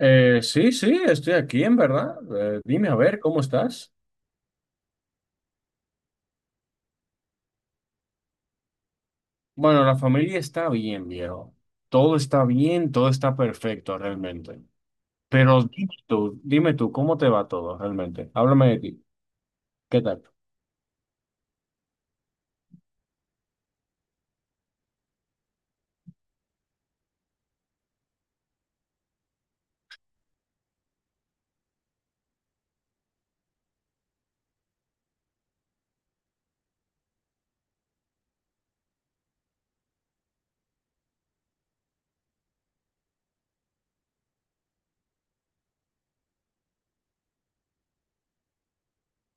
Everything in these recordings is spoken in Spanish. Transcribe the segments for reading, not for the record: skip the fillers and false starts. Sí, sí, estoy aquí, en verdad. Dime, a ver, ¿cómo estás? Bueno, la familia está bien, viejo. Todo está bien, todo está perfecto realmente. Pero dime tú, ¿cómo te va todo realmente? Háblame de ti. ¿Qué tal?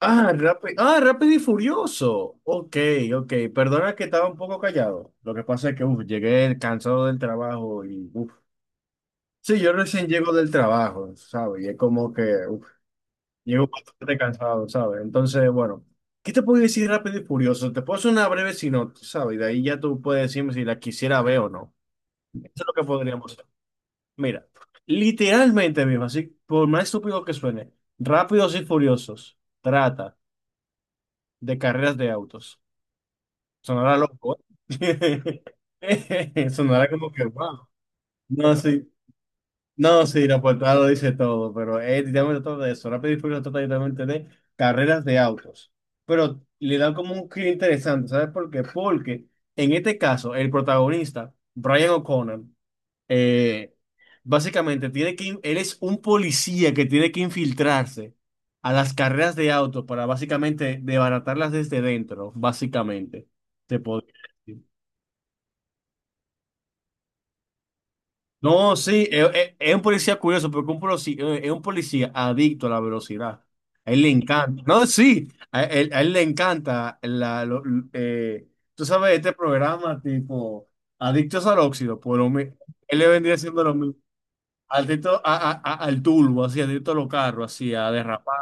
Ah, Rápido y Furioso. Ok, ok. Perdona que estaba un poco callado. Lo que pasa es que uf, llegué cansado del trabajo y uf. Sí, yo recién llego del trabajo, ¿sabes? Y es como que uf, llego bastante cansado, ¿sabes? Entonces, bueno, ¿qué te puedo decir rápido y furioso? Te puedo hacer una breve sinopsis, ¿sabes? Y de ahí ya tú puedes decirme si la quisiera ver o no. Eso es lo que podríamos hacer. Mira, literalmente mismo, así, por más estúpido que suene, Rápidos y Furiosos trata de carreras de autos. Sonará loco, ¿eh? Sonará como que wow. No, sí. No, sí, la portada lo dice todo, pero es literalmente todo de eso. Rápido y Furioso trata literalmente de carreras de autos. Pero le dan como un giro interesante, ¿sabes por qué? Porque en este caso, el protagonista, Brian O'Connor, eh, básicamente él es un policía que tiene que infiltrarse a las carreras de autos para básicamente desbaratarlas desde dentro, básicamente. Te podría decir. No, sí, es un policía curioso, porque un policía, es un policía adicto a la velocidad. A él le encanta. No, sí, a él le encanta eh, tú sabes, este programa tipo Adictos al Óxido, él le vendría siendo lo mismo. Adicto al turbo, así, adicto a los carros, así, a derrapar.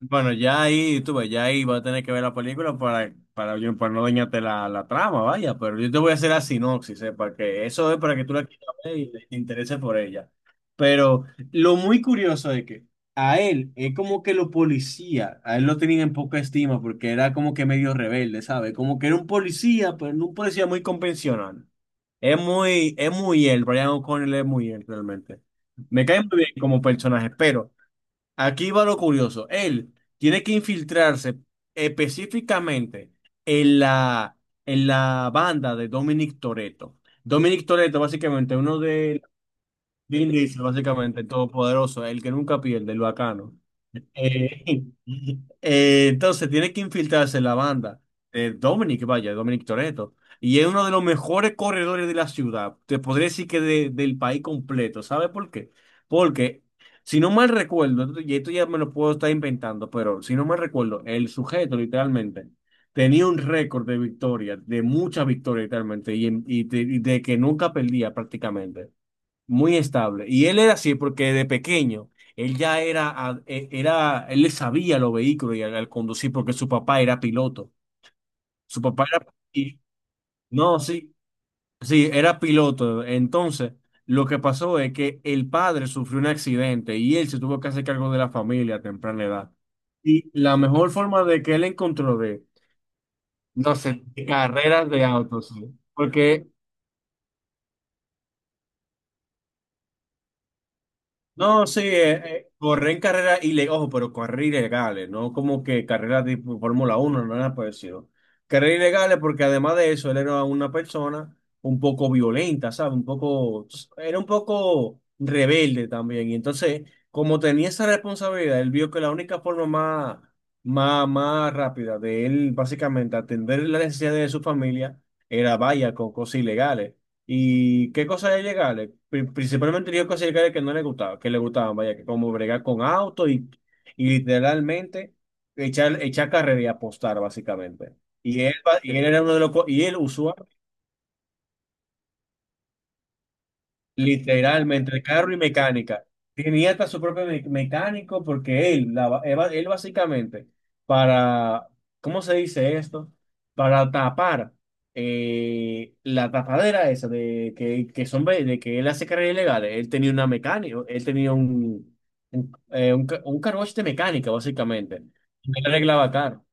Bueno, ya ahí, tú ves, ya ahí va a tener que ver la película para no dañarte la trama, vaya, pero yo te voy a hacer la sinopsis, ¿eh? Para que eso es para que tú la quieras ver y te intereses por ella. Pero lo muy curioso es que a él es como que los policías, a él lo tenían en poca estima porque era como que medio rebelde, ¿sabes? Como que era un policía, pero no un policía muy convencional. Es muy él, Brian O'Connell es muy él realmente. Me cae muy bien como personaje, pero. Aquí va lo curioso. Él tiene que infiltrarse específicamente en la, en la banda de Dominic Toretto. Dominic Toretto, básicamente, uno de Vin Diesel, básicamente, el todopoderoso, el que nunca pierde, el bacano. Eh, entonces tiene que infiltrarse en la banda de Dominic, vaya, Dominic Toretto. Y es uno de los mejores corredores de la ciudad. Te podría decir que del país completo. ¿Sabe por qué? Porque, si no mal recuerdo, y esto ya me lo puedo estar inventando, pero si no mal recuerdo, el sujeto literalmente tenía un récord de victorias, de muchas victorias literalmente, y de que nunca perdía prácticamente muy estable. Y él era así porque de pequeño, él ya era, a- e- era, él le sabía los vehículos y al conducir porque su papá era piloto. Su papá era, y- no, sí, sí, era piloto. Entonces, lo que pasó es que el padre sufrió un accidente y él se tuvo que hacer cargo de la familia a temprana edad. Y la mejor forma de que él encontró de, no sé, de carreras de autos, sí. Porque no, sí, correr en carreras ilegales, ojo, pero carreras ilegales, no como que carreras tipo Fórmula uno, no nada parecido. Carreras ilegales porque además de eso, él era una persona un poco violenta, ¿sabes? Un poco, era un poco rebelde también. Y entonces, como tenía esa responsabilidad, él vio que la única forma más rápida de él, básicamente, atender las necesidades de su familia era vaya con cosas ilegales. ¿Y qué cosas de llegarle? Principalmente digo cosas de llegarle que no le gustaba, que le gustaban, vaya, que como bregar con auto y literalmente echar carrera y apostar, básicamente. Y él, y él era uno de los, y él. Literalmente, carro y mecánica. Tenía hasta su propio mecánico porque él, la ba- él básicamente, para, ¿cómo se dice esto? Para tapar la tapadera esa de que, de que él hace carreras ilegales. Él tenía una mecánica, él tenía un, un car wash de mecánica, básicamente. Él arreglaba carro.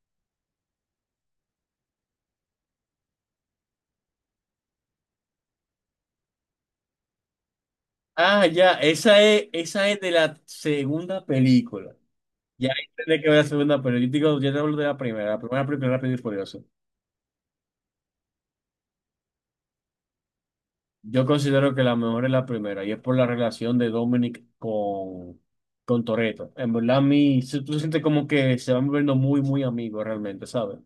Ah, ya, esa es de la segunda película. Ya tendré que ver la segunda, pero yo digo, yo te hablo de la primera, película de Rápido y Furioso. Yo considero que la mejor es la primera, y es por la relación de Dominic con Toretto. En verdad, a mí, tú sientes como que se van volviendo muy, muy amigos realmente, ¿sabes?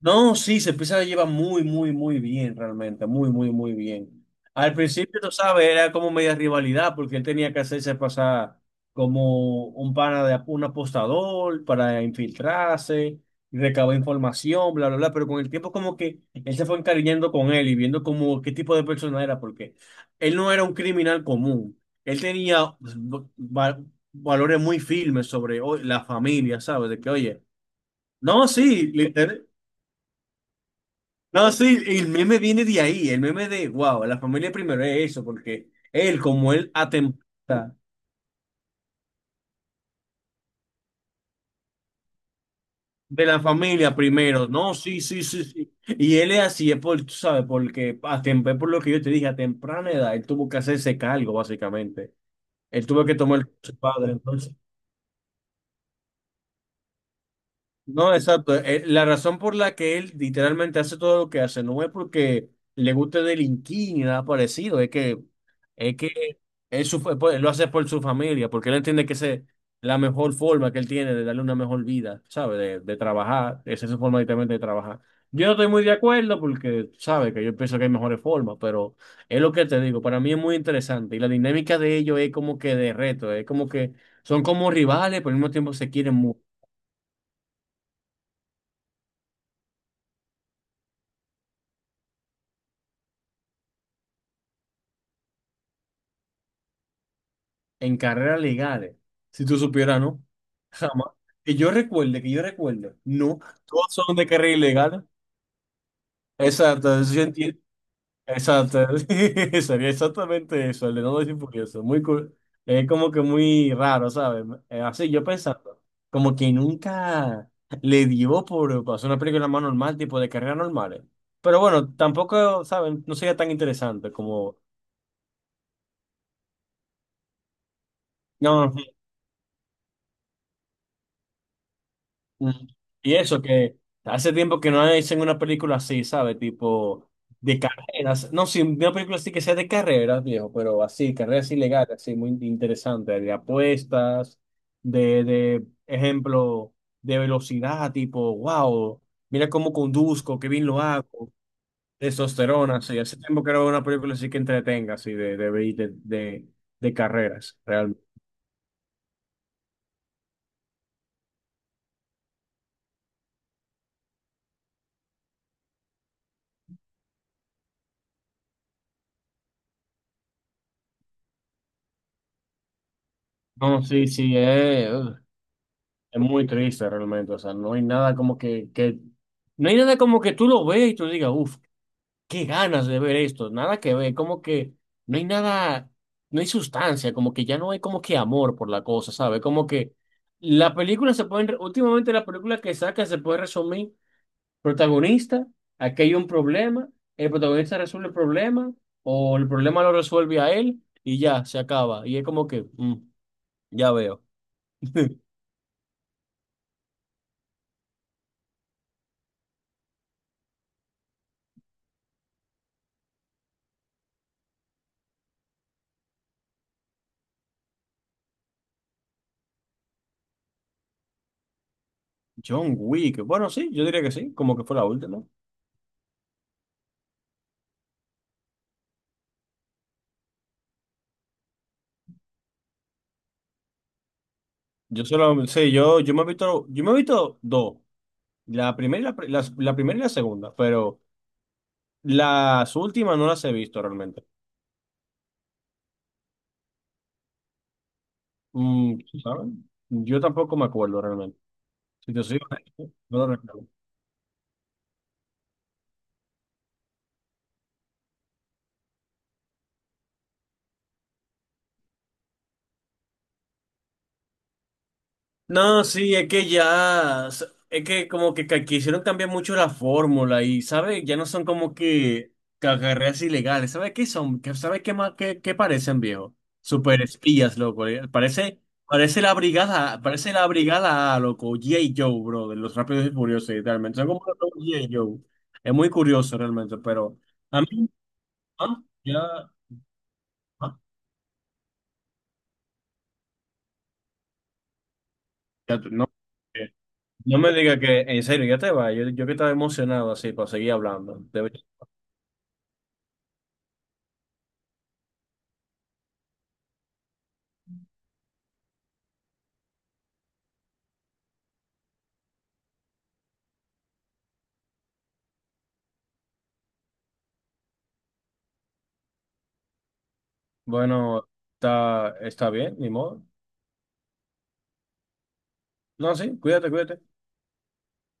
No, sí, se empieza a llevar muy, muy, muy bien, realmente, muy, muy, muy bien. Al principio, tú sabes, era como media rivalidad, porque él tenía que hacerse pasar como un pana de un apostador para infiltrarse, recabar información, bla, bla, bla, pero con el tiempo como que él se fue encariñando con él y viendo como qué tipo de persona era, porque él no era un criminal común, él tenía va- valores muy firmes sobre la familia, ¿sabes? De que, oye, no, sí, literal. No, sí, el meme viene de ahí, el meme de, wow, la familia primero es eso, porque él, como él atenta de la familia primero, no, sí, sí, sí, sí. Y él es así, es por, tú sabes, porque a atempé por lo que yo te dije, a temprana edad, él tuvo que hacerse cargo, básicamente. Él tuvo que tomar el de su padre, entonces. No, exacto. La razón por la que él literalmente hace todo lo que hace no es porque le guste delinquir ni nada parecido, es que él pues, lo hace por su familia, porque él entiende que esa es la mejor forma que él tiene de darle una mejor vida, ¿sabbe? De trabajar, esa es su forma directamente de trabajar. Yo no estoy muy de acuerdo porque, sabe que yo pienso que hay mejores formas, pero es lo que te digo, para mí es muy interesante y la dinámica de ellos es como que de reto, es como que son como rivales, pero al mismo tiempo se quieren mucho. En carreras legales, si tú supieras, ¿no? Jamás. Que yo recuerde, no, todos son de carrera ilegal. Exacto, eso yo entiendo. Exacto, sí, sería exactamente eso, el de No y Furioso. Muy cool. Es como que muy raro, ¿sabes? Así yo pensando, como que nunca le dio por hacer una película más normal, tipo de carreras normales. Pero bueno, tampoco, ¿saben? No sería tan interesante como. No, mm. Y eso, que hace tiempo que no hacen una película así, ¿sabes? Tipo de carreras. No, sí, una película así que sea de carreras, viejo, pero así, carreras ilegales, así, muy interesante, de apuestas, de ejemplo, de velocidad, tipo, wow, mira cómo conduzco, qué bien lo hago, testosterona, sí. Hace tiempo que no veo una película así que entretenga, así, de carreras, realmente. No, sí, sí. Es muy triste realmente, o sea, no hay nada como que, no hay nada como que tú lo veas y tú digas, uff, qué ganas de ver esto, nada que ver, como que no hay nada, no hay sustancia, como que ya no hay como que amor por la cosa, ¿sabes? Como que la película se puede, últimamente la película que saca se puede resumir, protagonista, aquí hay un problema, el protagonista resuelve el problema, o el problema lo resuelve a él, y ya, se acaba, y es como que, ya veo. John Wick. Bueno, sí, yo diría que sí, como que fue la última. Yo solo, sí, yo me he visto dos. La primera y la primera y la segunda, pero las últimas no las he visto realmente. Mm, ¿Saben? Yo tampoco me acuerdo realmente. Si te soy honesto, no lo recuerdo. No, sí, es que ya, es que como que quisieron cambiar mucho la fórmula y, ¿sabes? Ya no son como que carreras ilegales, ¿sabes qué son? ¿Sabes qué más, qué parecen, viejo? Super espías, loco, parece la brigada, parece la brigada A, loco, G.I. Joe, bro, de los Rápidos y Furiosos, literalmente, son como los G.I. Joe, es muy curioso realmente, pero a mí, ah, ya, ah, ya, no. eh, No me diga que, en serio, ya te va. Yo que estaba emocionado así para seguir hablando. Bueno, está bien, ni modo. No, sí, cuídate, cuídate.